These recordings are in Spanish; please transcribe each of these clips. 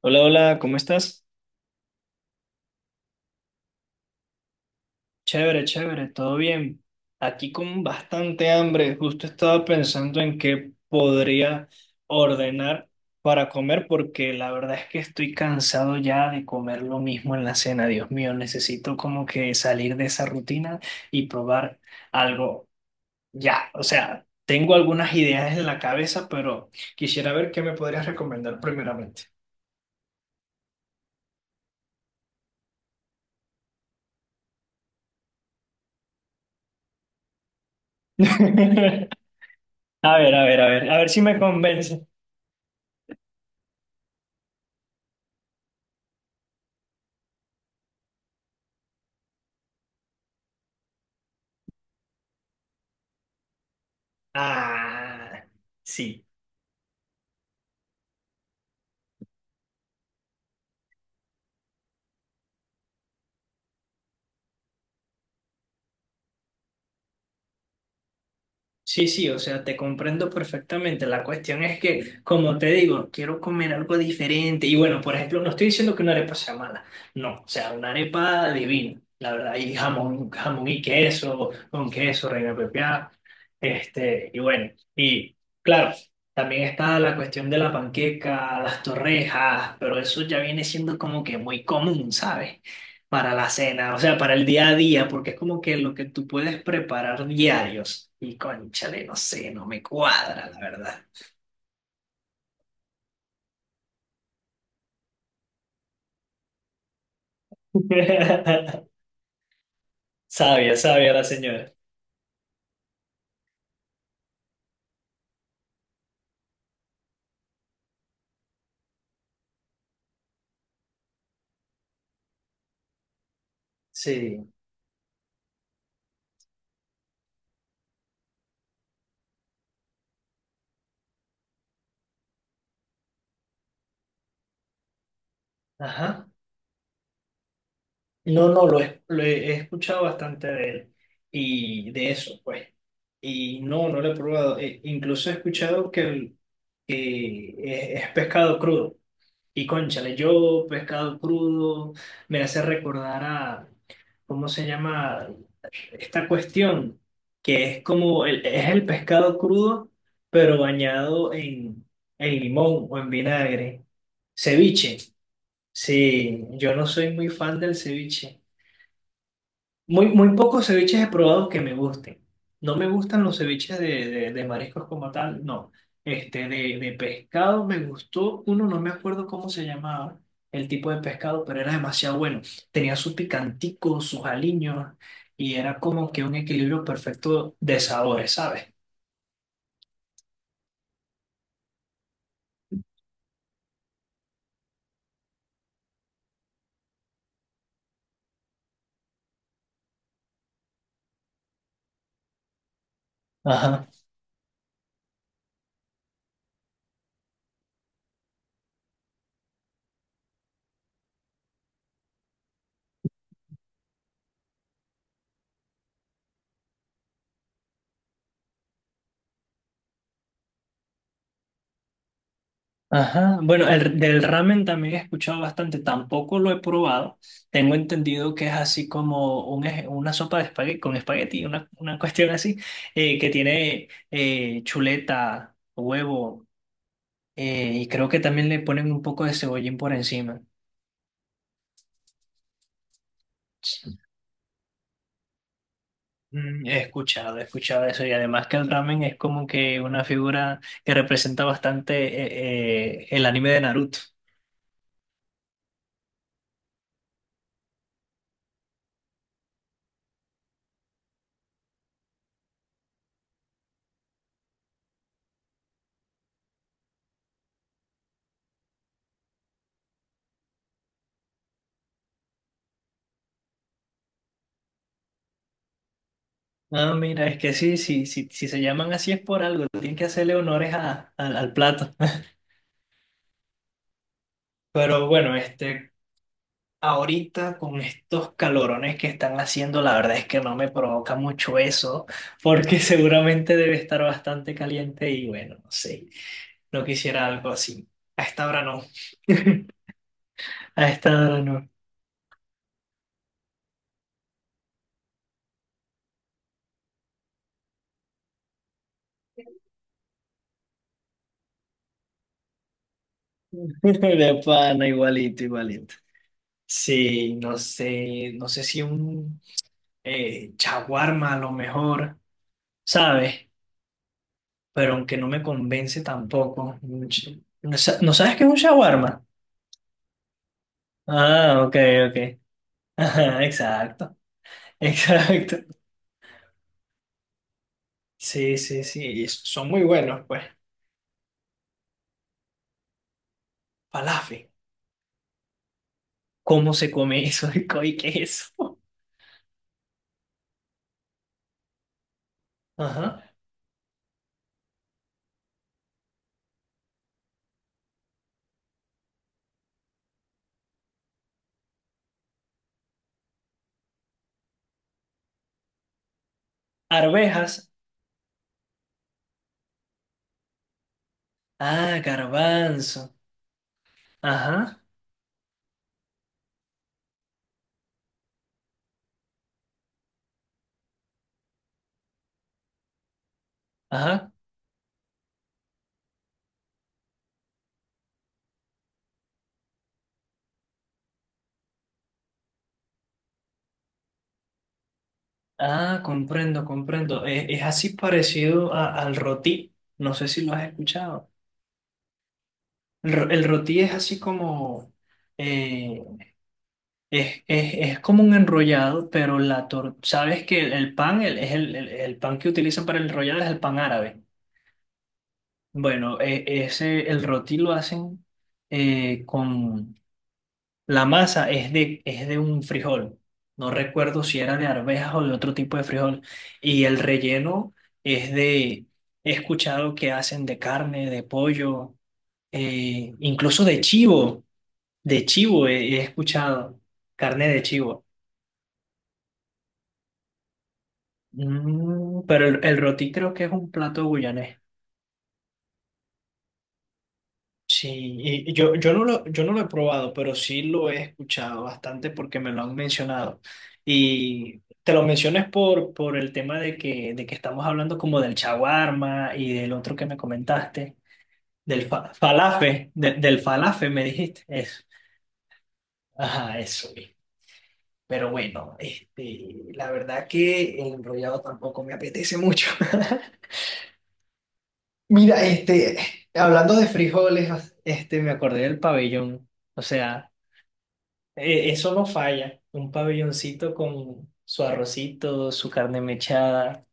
Hola, hola, ¿cómo estás? Chévere, chévere, todo bien. Aquí con bastante hambre. Justo estaba pensando en qué podría ordenar para comer porque la verdad es que estoy cansado ya de comer lo mismo en la cena. Dios mío, necesito como que salir de esa rutina y probar algo ya. O sea, tengo algunas ideas en la cabeza, pero quisiera ver qué me podrías recomendar primeramente. A ver, a ver, a ver, a ver si me convence. Ah, sí, sí, sí, o sea, te comprendo perfectamente. La cuestión es que, como te digo, quiero comer algo diferente. Y bueno, por ejemplo, no estoy diciendo que una arepa sea mala, no, o sea, una arepa divina, la verdad, y jamón, jamón y queso, con queso, reina pepiada, y bueno, y claro, también está la cuestión de la panqueca, las torrejas, pero eso ya viene siendo como que muy común, ¿sabes? Para la cena, o sea, para el día a día, porque es como que lo que tú puedes preparar diarios. Y cónchale, no sé, no me cuadra, la verdad. Sabia, sabia la señora. Sí, ajá. No, no, lo he escuchado bastante de él y de eso, pues. Y no, no lo he probado. Incluso he escuchado que, que es pescado crudo. Y cónchale, yo pescado crudo me hace recordar a, ¿cómo se llama? Esta cuestión que es como es el pescado crudo, pero bañado en limón o en vinagre. Ceviche. Sí, yo no soy muy fan del ceviche. Muy, muy pocos ceviches he probado que me gusten. No me gustan los ceviches de mariscos como tal, no. De pescado me gustó uno, no me acuerdo cómo se llamaba el tipo de pescado, pero era demasiado bueno. Tenía su picantico, sus aliños, y era como que un equilibrio perfecto de sabores, ¿sabes? Ajá. Ajá, bueno, del ramen también he escuchado bastante, tampoco lo he probado. Tengo entendido que es así como una sopa de espagueti, con espagueti, una cuestión así, que tiene chuleta, huevo, y creo que también le ponen un poco de cebollín por encima. Mm, he escuchado, he escuchado eso y además que el ramen es como que una figura que representa bastante el anime de Naruto. Ah, mira, es que sí, sí, sí, si se llaman así es por algo, tienen que hacerle honores al plato. Pero bueno, ahorita con estos calorones que están haciendo, la verdad es que no me provoca mucho eso, porque seguramente debe estar bastante caliente y bueno, no sé, no quisiera algo así. A esta hora no. A esta hora no. De pana, igualito, igualito. Sí, no sé, no sé si un chaguarma a lo mejor, ¿sabes? Pero aunque no me convence tampoco. Un no sabes qué es un shawarma? Ah, ok, ok. Ajá, exacto, exacto. Sí, sí, sí, y son muy buenos, pues. Falafel. ¿Cómo se come eso y queso? Ajá. Arvejas. Ah, garbanzo. Ajá, ajá. Ah, comprendo, comprendo. Es así parecido al rotí. No sé si lo has escuchado. El, el rotí es así como... eh, es, es como un enrollado, pero la tor sabes que el pan es el pan que utilizan para el enrollado es el pan árabe. Bueno, ese el roti lo hacen con la masa es de un frijol. No recuerdo si era de arvejas o de otro tipo de frijol y el relleno es de he escuchado que hacen de carne, de pollo, incluso de chivo he escuchado carne de chivo. Mm, pero el roti creo que es un plato guyanés. Sí, y yo no lo, yo no lo he probado, pero sí lo he escuchado bastante porque me lo han mencionado. Y te lo mencionas por el tema de que estamos hablando como del shawarma y del otro que me comentaste, falafe, del falafe me dijiste. Eso. Ajá, eso mismo. Pero bueno, la verdad que el enrollado tampoco me apetece mucho. Mira, hablando de frijoles, me acordé del pabellón. O sea, eso no falla. Un pabelloncito con su arrocito, su carne mechada,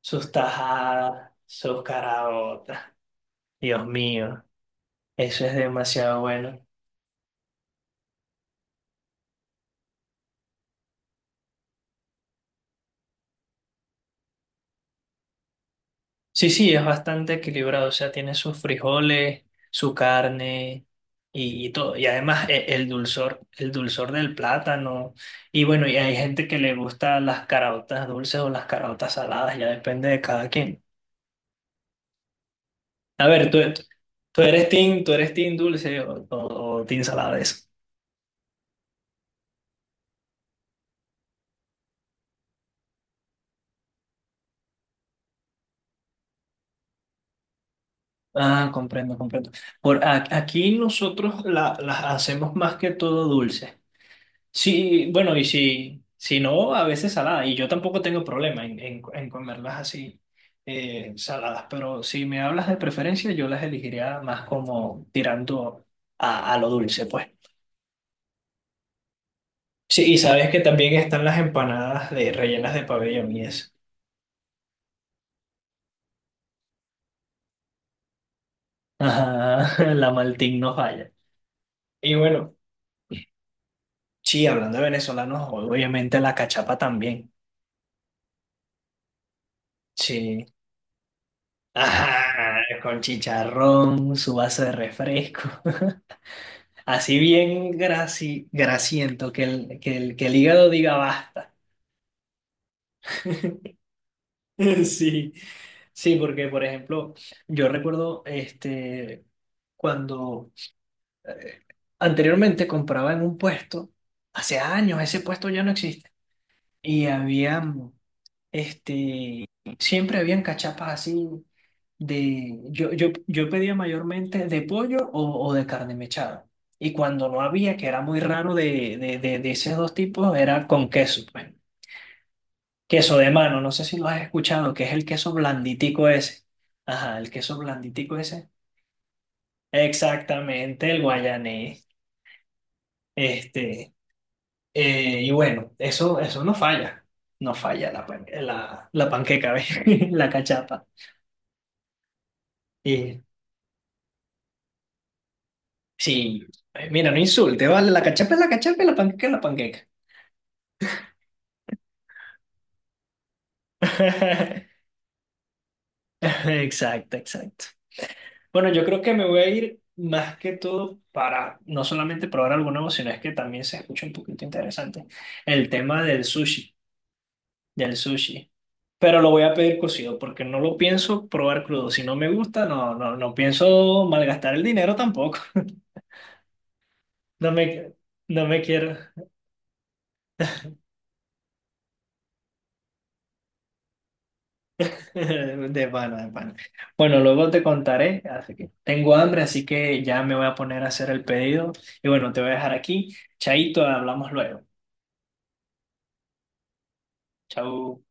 sus tajadas, sus caraotas. Dios mío, eso es demasiado bueno. Sí, sí, es bastante equilibrado, o sea, tiene sus frijoles, su carne y todo. Y además el dulzor del plátano. Y bueno, y hay gente que le gusta las caraotas dulces o las caraotas saladas, ya depende de cada quien. A ver, tú eres team, tú eres team dulce o team salada eso. Ah, comprendo, comprendo. Por aquí nosotros las hacemos más que todo dulces. Sí, bueno, y si no, a veces salada. Y yo tampoco tengo problema en comerlas así, saladas. Pero si me hablas de preferencia, yo las elegiría más como tirando a lo dulce, pues. Sí, y sabes que también están las empanadas de rellenas de pabellón y eso. Ajá, la Maltín no falla. Y bueno, sí, hablando de venezolanos, obviamente la cachapa también. Sí. Ajá, con chicharrón, su vaso de refresco. Así bien graci, grasiento, que el hígado diga basta. Sí, sí, porque por ejemplo, yo recuerdo cuando anteriormente compraba en un puesto, hace años ese puesto ya no existe, y había Este, siempre habían cachapas así de, yo pedía mayormente de pollo o de carne mechada. Y cuando no había, que era muy raro de esos dos tipos, era con queso, pues. Queso de mano, no sé si lo has escuchado, que es el queso blanditico ese. Ajá, el queso blanditico ese. Exactamente, el guayanés. Este, y bueno, eso no falla. No falla la panqueca, ¿ves? La cachapa. Y sí, mira, no insulte, ¿vale? La cachapa es la cachapa y la panqueca es la panqueca. Exacto, exacto. Bueno, yo creo que me voy a ir más que todo para no solamente probar algo nuevo, sino es que también se escucha un poquito interesante el tema del sushi, del sushi. Pero lo voy a pedir cocido porque no lo pienso probar crudo. Si no me gusta, no, no, no pienso malgastar el dinero tampoco. No me, no me quiero. De pana, de pana. Bueno, luego te contaré, así que tengo hambre, así que ya me voy a poner a hacer el pedido. Y bueno, te voy a dejar aquí. Chaito, hablamos luego. Chau.